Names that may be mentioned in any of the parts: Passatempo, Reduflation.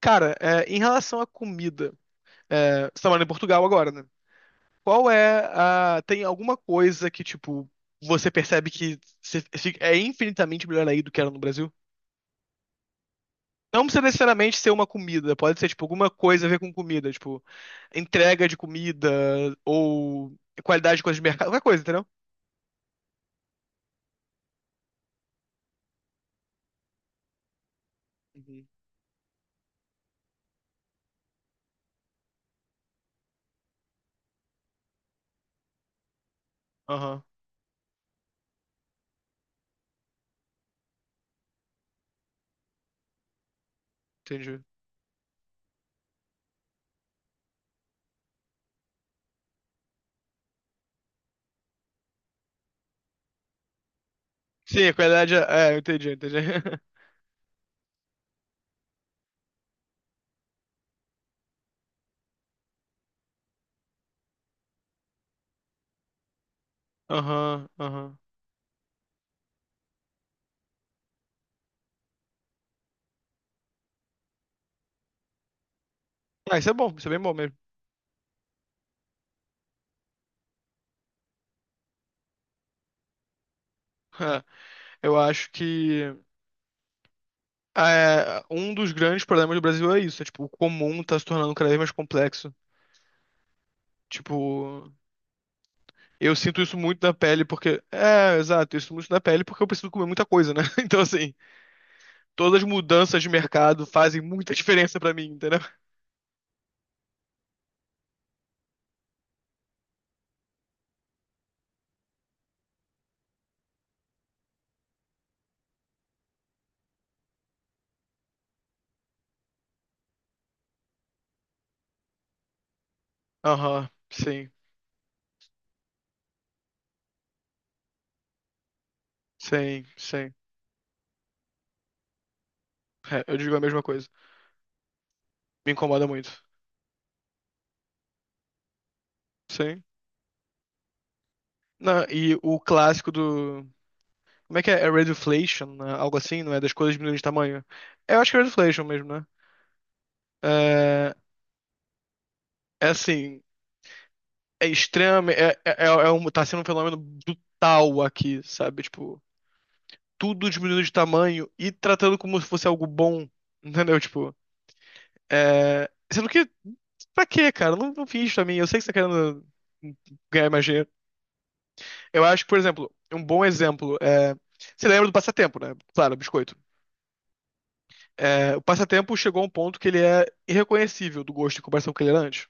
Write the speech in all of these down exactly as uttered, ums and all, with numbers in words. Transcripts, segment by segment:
Cara, é, em relação à comida, é, você tá morando em Portugal agora, né? Qual é a. Tem alguma coisa que, tipo, você percebe que se- se- é infinitamente melhor aí do que era no Brasil? Não precisa necessariamente ser uma comida, pode ser, tipo, alguma coisa a ver com comida, tipo, entrega de comida ou qualidade de coisa de mercado, qualquer coisa, entendeu? Uhum. Aham, entendi. Sim, a qualidade. É, é, eu entendi, eu entendi. Aham, aham. Ah, isso é bom, isso é bem bom mesmo. Eu acho que. É, um dos grandes problemas do Brasil é isso, é, tipo, o comum tá se tornando cada vez mais complexo. Tipo, eu sinto isso muito na pele porque. É, exato, eu sinto muito na pele porque eu preciso comer muita coisa, né? Então, assim, todas as mudanças de mercado fazem muita diferença pra mim, entendeu? Aham, sim, sim, sim. É, eu digo a mesma coisa. Me incomoda muito. Sim. Não, e o clássico do. Como é que é? É Reduflation, né? Algo assim, não é? Das coisas diminuindo de tamanho. É, eu acho que é Reduflation mesmo, né? É, é assim. É extremo, é, é, é é um, tá sendo um fenômeno brutal aqui, sabe? Tipo, tudo diminuindo de tamanho e tratando como se fosse algo bom, entendeu? Tipo, é... Sendo que, pra quê, cara? Não, não fiz isso pra mim, eu sei que você tá querendo ganhar mais dinheiro. Eu acho que, por exemplo, um bom exemplo é... Você lembra do Passatempo, né? Claro, biscoito. É, o Passatempo chegou a um ponto que ele é irreconhecível do gosto em comparação com o que ele era antes.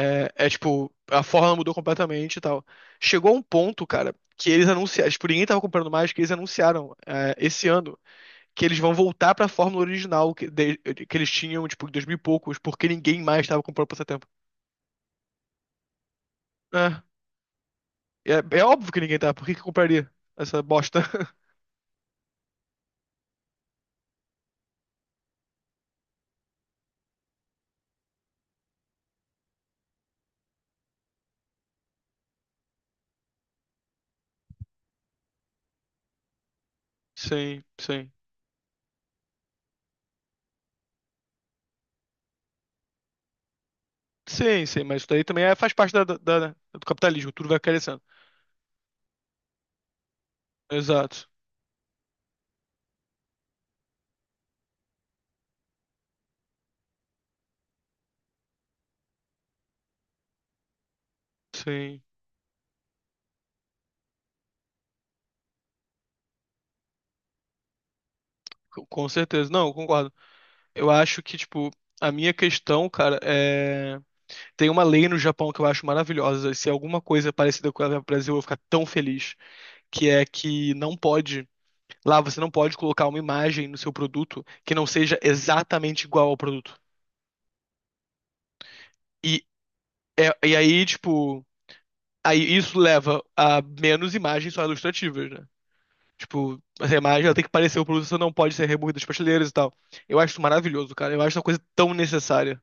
É, é, tipo, a forma mudou completamente e tal. Chegou um ponto, cara, que eles anunciaram, tipo, ninguém tava comprando mais, que eles anunciaram é, esse ano que eles vão voltar pra fórmula original que, de- que eles tinham, tipo, em dois mil e poucos, porque ninguém mais tava comprando por esse tempo. É, é, é óbvio que ninguém tá, por que que compraria essa bosta? Sim, sim. Sim, sim, mas isso daí também é- faz parte da, da- da- do capitalismo, tudo vai crescendo. Exato. Sim, com com certeza. Não, eu concordo. Eu acho que, tipo, a minha questão, cara, é. Tem uma lei no Japão que eu acho maravilhosa. Se é alguma coisa é parecida com a do Brasil, eu vou ficar tão feliz. Que é que não pode. Lá você não pode colocar uma imagem no seu produto que não seja exatamente igual ao produto. E, é- e aí, tipo. Aí isso leva a menos imagens só ilustrativas, né? Tipo, essa imagem ela tem que parecer o produto, você não pode ser removido das prateleiras e tal. Eu acho isso maravilhoso, cara. Eu acho uma coisa tão necessária.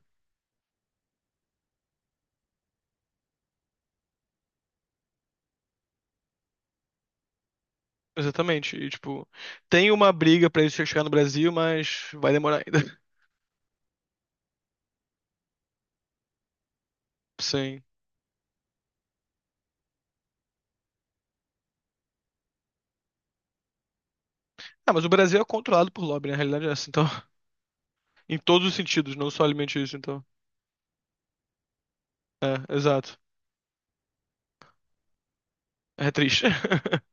Exatamente. E, tipo, tem uma briga pra isso chegar no Brasil, mas vai demorar ainda. Sim. Ah, mas o Brasil é controlado por lobby, na realidade é essa, então. Em todos os sentidos, não só alimentício, então. É, exato. É triste.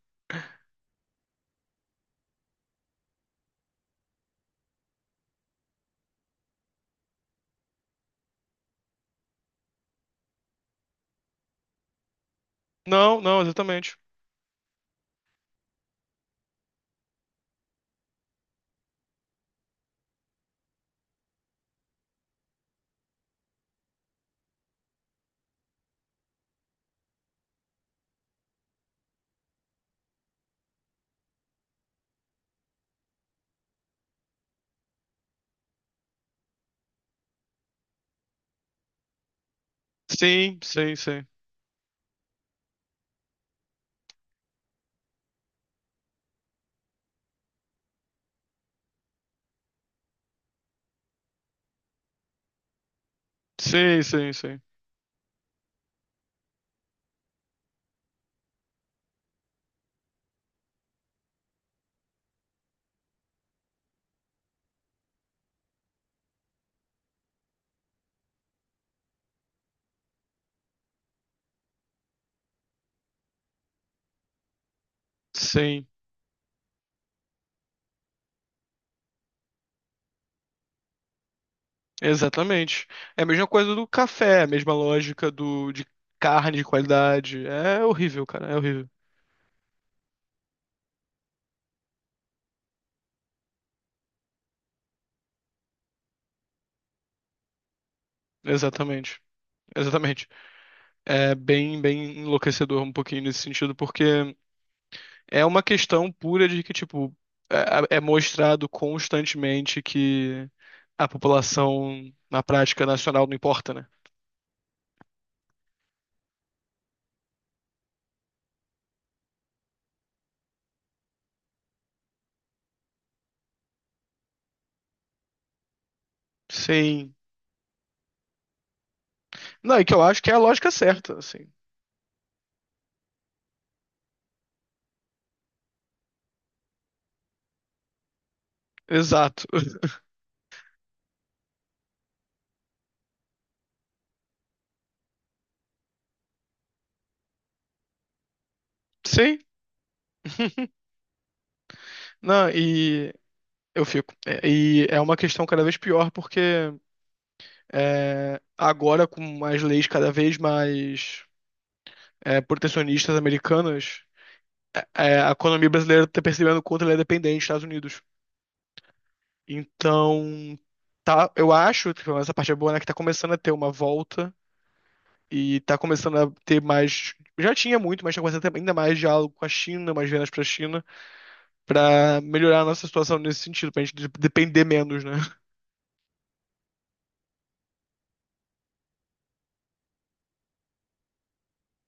Não, não, exatamente. Sim, sim, sim. Sim, sim, sim. Sim, exatamente. É a mesma coisa do café, é a mesma lógica do de carne de qualidade. É horrível, cara, é horrível. Exatamente. Exatamente. É bem, bem enlouquecedor um pouquinho nesse sentido, porque é uma questão pura de que, tipo, é, é é mostrado constantemente que a população na prática nacional não importa, né? Sim. Não, e que eu acho que é a lógica certa, assim. Exato. Sim. Não, e eu fico. É, e é uma questão cada vez pior, porque é, agora, com as leis cada vez mais é, protecionistas americanas, é, a economia brasileira está percebendo o quanto ela é dependente dos Estados Unidos. Então, tá, eu acho, pelo essa parte é boa, né, que tá começando a ter uma volta e tá começando a ter mais. Já tinha muito, mas tá começando a ter ainda mais diálogo com a China, mais vendas pra China, pra melhorar a nossa situação nesse sentido, pra gente de- depender menos, né?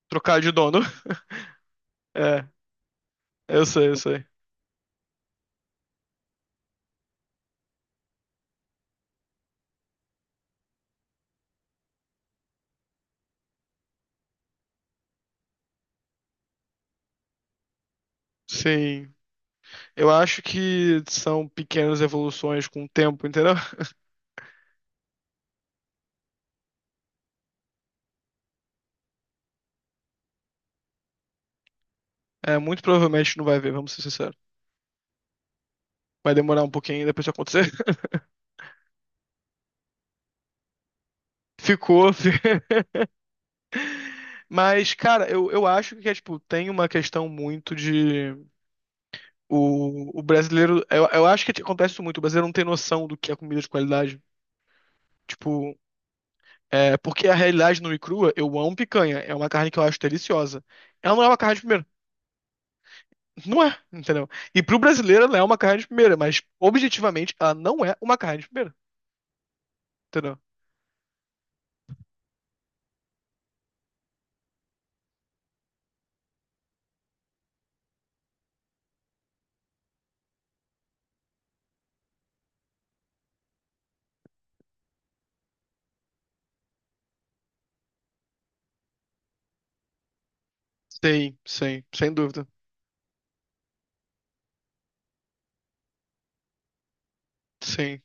Trocar de dono. É, eu sei, eu sei. Sim. Eu acho que são pequenas evoluções com o tempo, entendeu? É, muito provavelmente não vai ver, vamos ser sinceros. Vai demorar um pouquinho ainda pra isso acontecer. Ficou. Mas, cara, eu, eu acho que é, tipo, tem uma questão muito de. O, o brasileiro. Eu, eu acho que acontece isso muito. O brasileiro não tem noção do que é comida de qualidade. Tipo, é, porque a realidade nua e crua, eu amo picanha. É uma carne que eu acho deliciosa. Ela não é uma carne de primeira. Não é, entendeu? E pro brasileiro ela é uma carne de primeira, mas objetivamente ela não é uma carne de primeira, entendeu? Sim, sim, sem dúvida. Sim.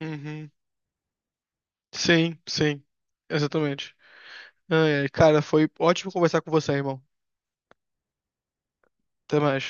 Uhum. Sim, sim. Exatamente. Ai, ai, cara, foi ótimo conversar com você, irmão. Até mais.